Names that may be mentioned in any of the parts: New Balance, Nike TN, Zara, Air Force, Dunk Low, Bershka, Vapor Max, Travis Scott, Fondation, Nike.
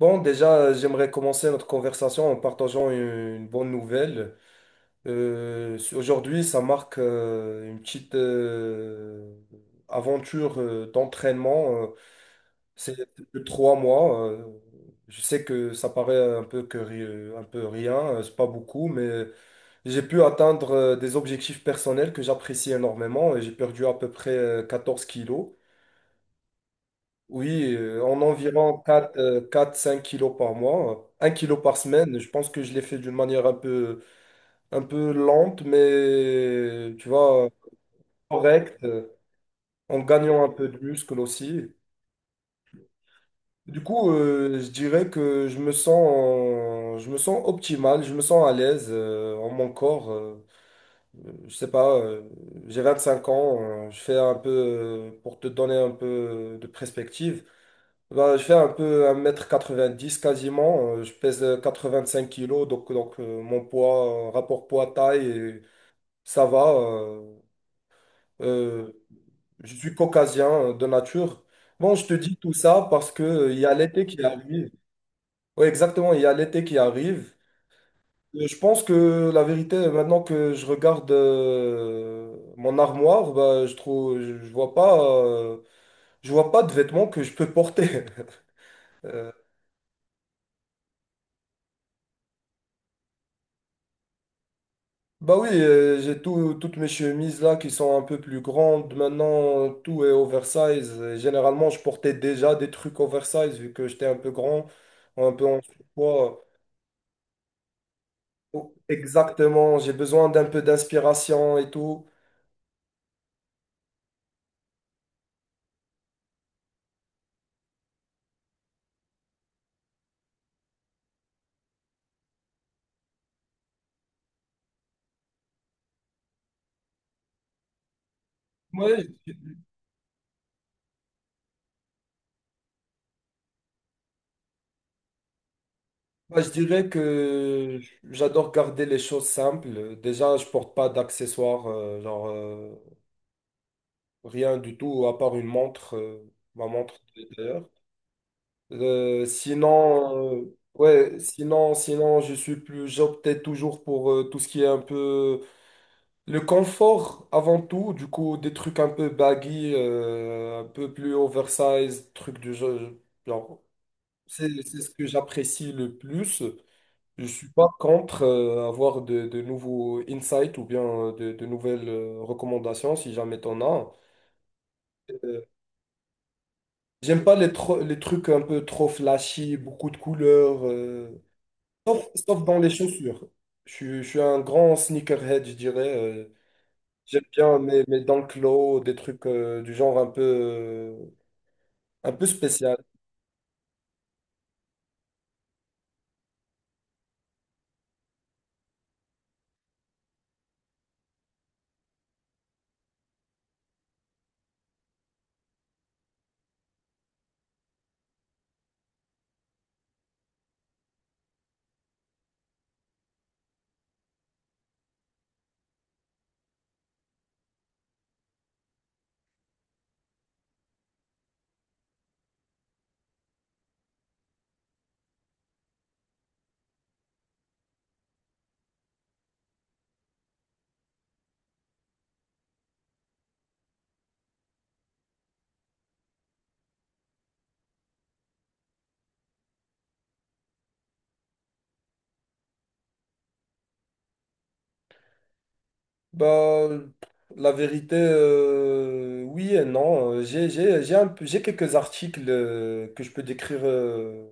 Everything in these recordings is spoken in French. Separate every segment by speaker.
Speaker 1: Bon, déjà, j'aimerais commencer notre conversation en partageant une bonne nouvelle. Aujourd'hui, ça marque une petite aventure d'entraînement. C'est de 3 mois. Je sais que ça paraît un peu un peu rien, c'est pas beaucoup, mais j'ai pu atteindre des objectifs personnels que j'apprécie énormément, et j'ai perdu à peu près 14 kilos. Oui, en environ 4, 4-5 kilos par mois, 1 kilo par semaine. Je pense que je l'ai fait d'une manière un peu lente, mais tu vois, correcte, en gagnant un peu de muscle aussi. Du coup, je dirais que je me sens optimal, je me sens à l'aise en mon corps. Je sais pas, j'ai 25 ans, je fais un peu, pour te donner un peu de perspective. Bah, je fais un peu 1,90 m quasiment. Je pèse 5 kilos, donc, mon poids, rapport poids-taille, ça va. Euh, je suis caucasien de nature. Bon, je te dis tout ça parce que il y a l'été qui arrive. Oui, exactement, il y a l'été qui arrive. Je pense que la vérité, maintenant que je regarde mon armoire, bah, je vois pas, je vois pas de vêtements que je peux porter. Bah oui, j'ai toutes mes chemises là qui sont un peu plus grandes. Maintenant, tout est oversize. Et généralement, je portais déjà des trucs oversize vu que j'étais un peu grand, un peu en surpoids. Oh, exactement, j'ai besoin d'un peu d'inspiration et tout. Ouais, je dirais que j'adore garder les choses simples. Déjà, je porte pas d'accessoires, genre rien du tout à part une montre, ma montre d'ailleurs. Sinon, je suis plus, j'optais toujours pour tout ce qui est un peu le confort avant tout. Du coup, des trucs un peu baggy, un peu plus oversize, trucs du genre. Genre, c'est ce que j'apprécie le plus. Je suis pas contre avoir de nouveaux insights ou bien de nouvelles recommandations si jamais t'en as. Euh, J'aime pas les trucs un peu trop flashy, beaucoup de couleurs. Sauf dans les chaussures. Je suis un grand sneakerhead, je dirais. J'aime bien mes Dunk Low, des trucs du genre un peu spécial. Bah, la vérité, oui et non. J'ai un peu- j'ai quelques articles que je peux décrire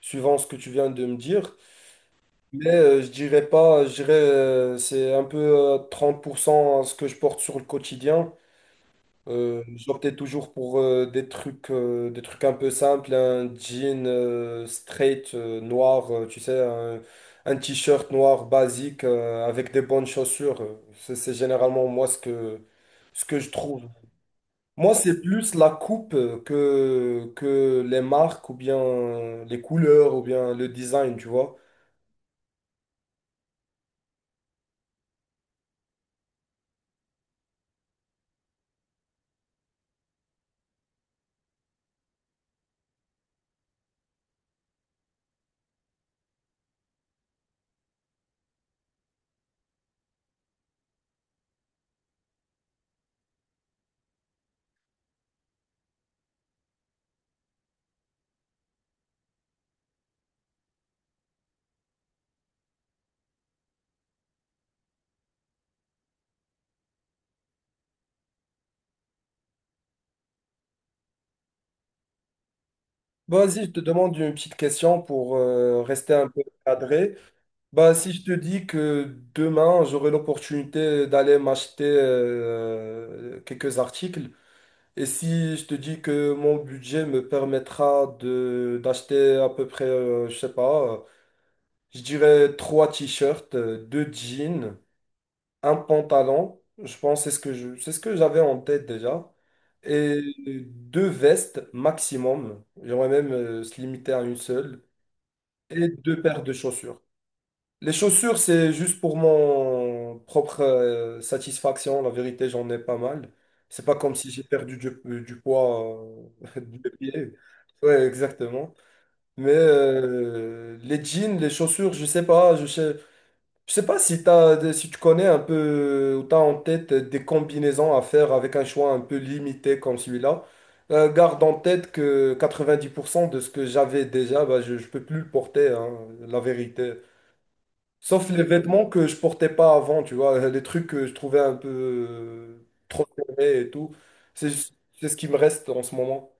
Speaker 1: suivant ce que tu viens de me dire. Mais je dirais pas, je dirais c'est un peu 30% ce que je porte sur le quotidien. J'optais toujours pour des trucs un peu simples, un jean straight noir, tu sais, un t-shirt noir basique avec des bonnes chaussures. C'est généralement moi ce que je trouve. Moi, c'est plus la coupe que les marques ou bien les couleurs ou bien le design, tu vois. Vas-y, je te demande une petite question pour rester un peu cadré. Bah, si je te dis que demain, j'aurai l'opportunité d'aller m'acheter quelques articles, et si je te dis que mon budget me permettra de d'acheter à peu près, je sais pas, je dirais 3 t-shirts, 2 jeans, un pantalon, je pense que c'est ce que c'est ce que j'avais en tête déjà, et 2 vestes maximum, j'aimerais même se limiter à une seule, et 2 paires de chaussures. Les chaussures, c'est juste pour mon propre satisfaction. La vérité, j'en ai pas mal. C'est pas comme si j'ai perdu du poids du pied. Ouais, exactement. Mais les jeans, les chaussures, je sais pas. Je sais pas si t'as, si tu connais un peu ou t'as en tête des combinaisons à faire avec un choix un peu limité comme celui-là. Garde en tête que 90% de ce que j'avais déjà, bah, je peux plus le porter, hein, la vérité. Sauf les vêtements que je portais pas avant, tu vois, les trucs que je trouvais un peu trop serrés et tout. C'est c'est ce qui me reste en ce moment.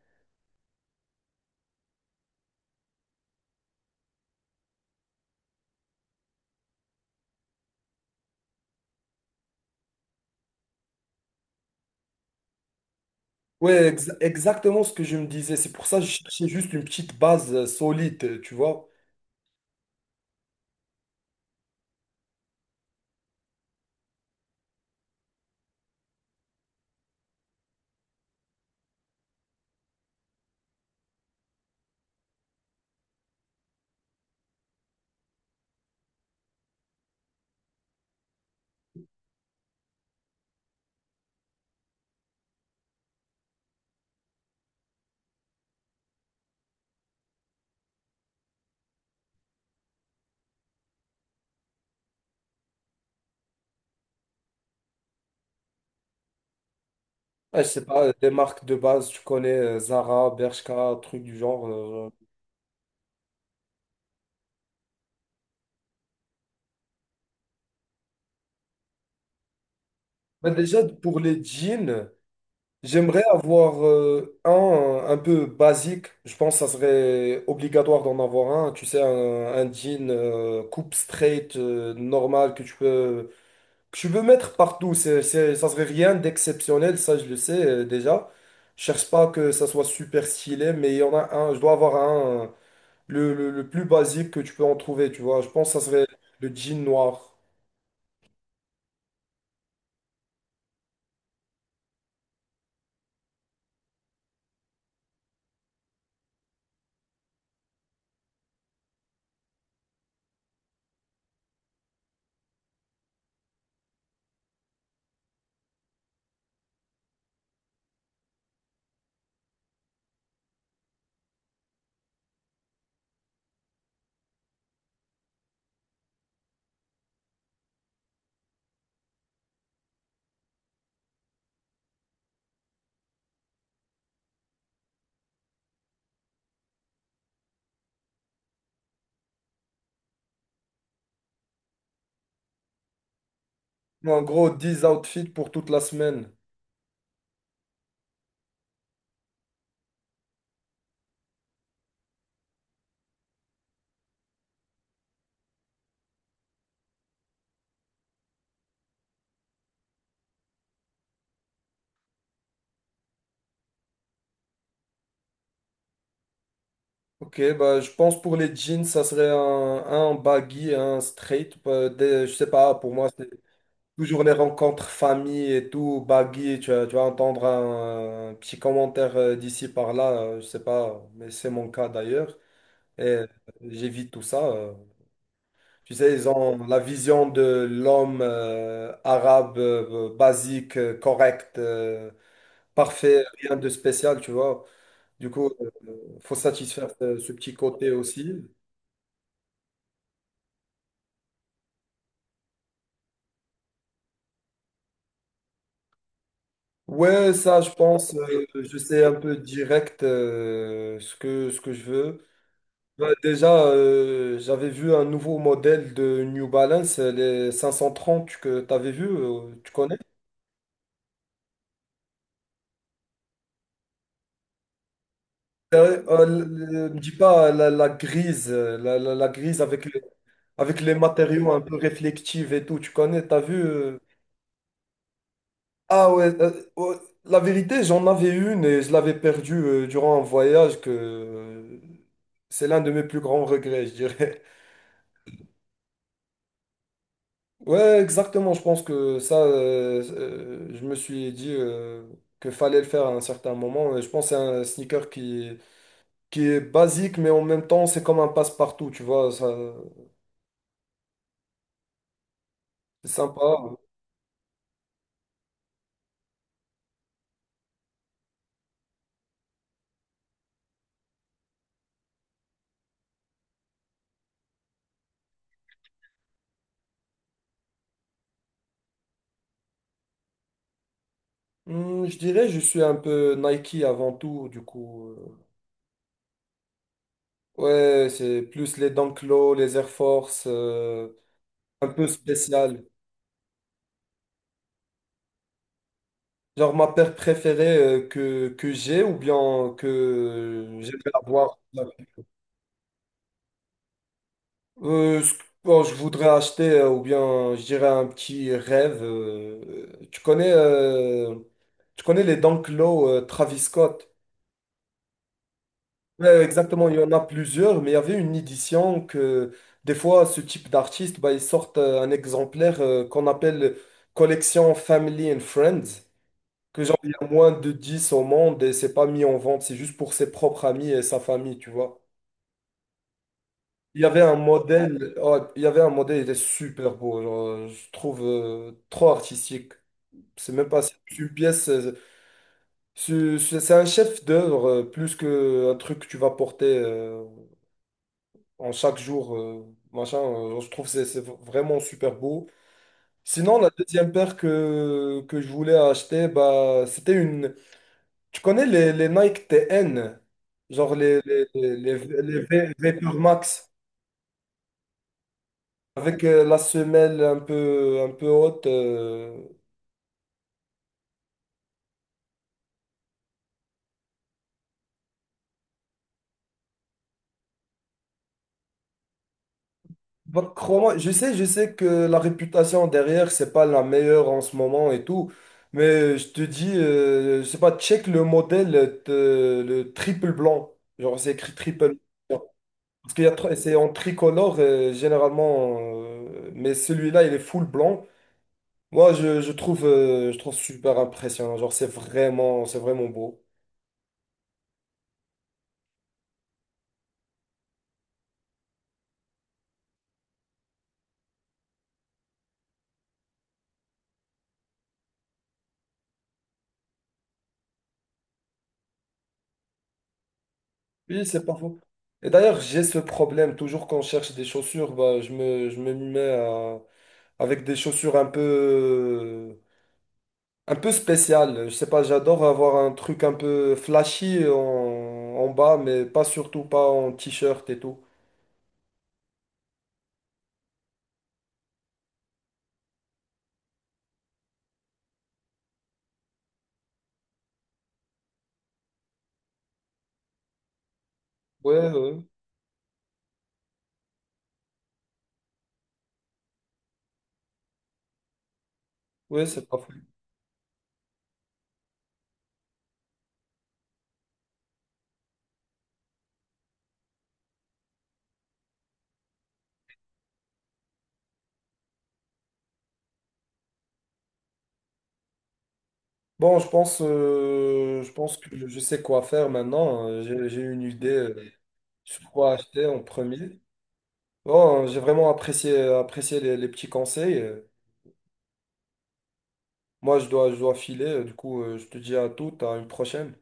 Speaker 1: Ouais, exactement ce que je me disais. C'est pour ça que je cherchais juste une petite base solide, tu vois. Ouais, je sais pas, les marques de base, tu connais Zara, Bershka, trucs du genre. Bah, déjà, pour les jeans. J'aimerais avoir un peu basique. Je pense que ça serait obligatoire d'en avoir un. Tu sais, un jean coupe straight normal que tu peux mettre partout. Ça serait rien d'exceptionnel, ça je le sais déjà. Je cherche pas que ça soit super stylé, mais il y en a un. Je dois avoir un, le plus basique que tu peux en trouver, tu vois. Je pense que ça serait le jean noir. En gros, 10 outfits pour toute la semaine. Ok, bah, je pense pour les jeans, ça serait un baggy, un straight. Je sais pas, pour moi, c'est toujours les rencontres famille et tout, baggy. Tu vas entendre un petit commentaire d'ici par là, je sais pas, mais c'est mon cas d'ailleurs. Et j'évite tout ça. Tu sais, ils ont la vision de l'homme arabe, basique, correct, parfait, rien de spécial, tu vois. Du coup, faut satisfaire ce petit côté aussi. Ouais, ça, je pense, je sais un peu direct ce que je veux. Bah, déjà, j'avais vu un nouveau modèle de New Balance, les 530 que tu avais vu, tu connais? Euh, euh, le- Me dis pas la grise, la grise avec, avec les matériaux un peu réflectifs et tout, tu connais, t'as vu? Ah ouais, ouais, la vérité, j'en avais une et je l'avais perdue durant un voyage que c'est l'un de mes plus grands regrets, je dirais. Ouais, exactement. Je pense que ça, je me suis dit que fallait le faire à un certain moment. Et je pense que c'est un sneaker qui est basique, mais en même temps, c'est comme un passe-partout, tu vois. Ça, c'est sympa. Hmm, je dirais, je suis un peu Nike avant tout, du coup. Ouais, c'est plus les Dunk Low, les Air Force, un peu spécial. Genre ma paire préférée que j'ai ou bien que j'aimerais avoir. Bon, je voudrais acheter, ou bien, je dirais un petit rêve. Euh, tu connais, euh, Tu connais les Dunk Low, Travis Scott? Ouais, exactement, il y en a plusieurs, mais il y avait une édition que des fois, ce type d'artiste, bah, ils sortent un exemplaire qu'on appelle collection Family and Friends, que genre, il y a moins de 10 au monde et c'est pas mis en vente, c'est juste pour ses propres amis et sa famille, tu vois. Il y avait un modèle, ouais, il y avait un modèle, il est super beau, genre, je trouve trop artistique. C'est même pas c'est une pièce, c'est un chef d'œuvre plus qu'un truc que tu vas porter en chaque jour, machin. Je trouve que c'est vraiment super beau. Sinon, la deuxième paire que je voulais acheter, bah, c'était une. Tu connais les Nike TN, genre les Vapor Max. Avec la semelle un peu haute. Bah, crois-moi, je sais que la réputation derrière, c'est pas la meilleure en ce moment et tout. Mais je te dis, je sais pas, check le modèle, le triple blanc. Genre, c'est écrit triple. Parce qu'il y a, c'est en tricolore, généralement. Mais celui-là, il est full blanc. Moi, je trouve super impressionnant. Genre, c'est vraiment beau. Oui, c'est pas faux. Et d'ailleurs, j'ai ce problème. Toujours quand je cherche des chaussures, bah, je me mets à- avec des chaussures un peu spéciales. Je sais pas, j'adore avoir un truc un peu flashy en, en bas, mais pas surtout pas en t-shirt et tout. Ouais, ouais, ouais, c'est pas faux. Bon, je pense que je sais quoi faire maintenant. J'ai une idée sur quoi acheter en premier. Bon, j'ai vraiment apprécié les petits conseils. Moi, je dois filer. Du coup, je te dis à toute, à une prochaine.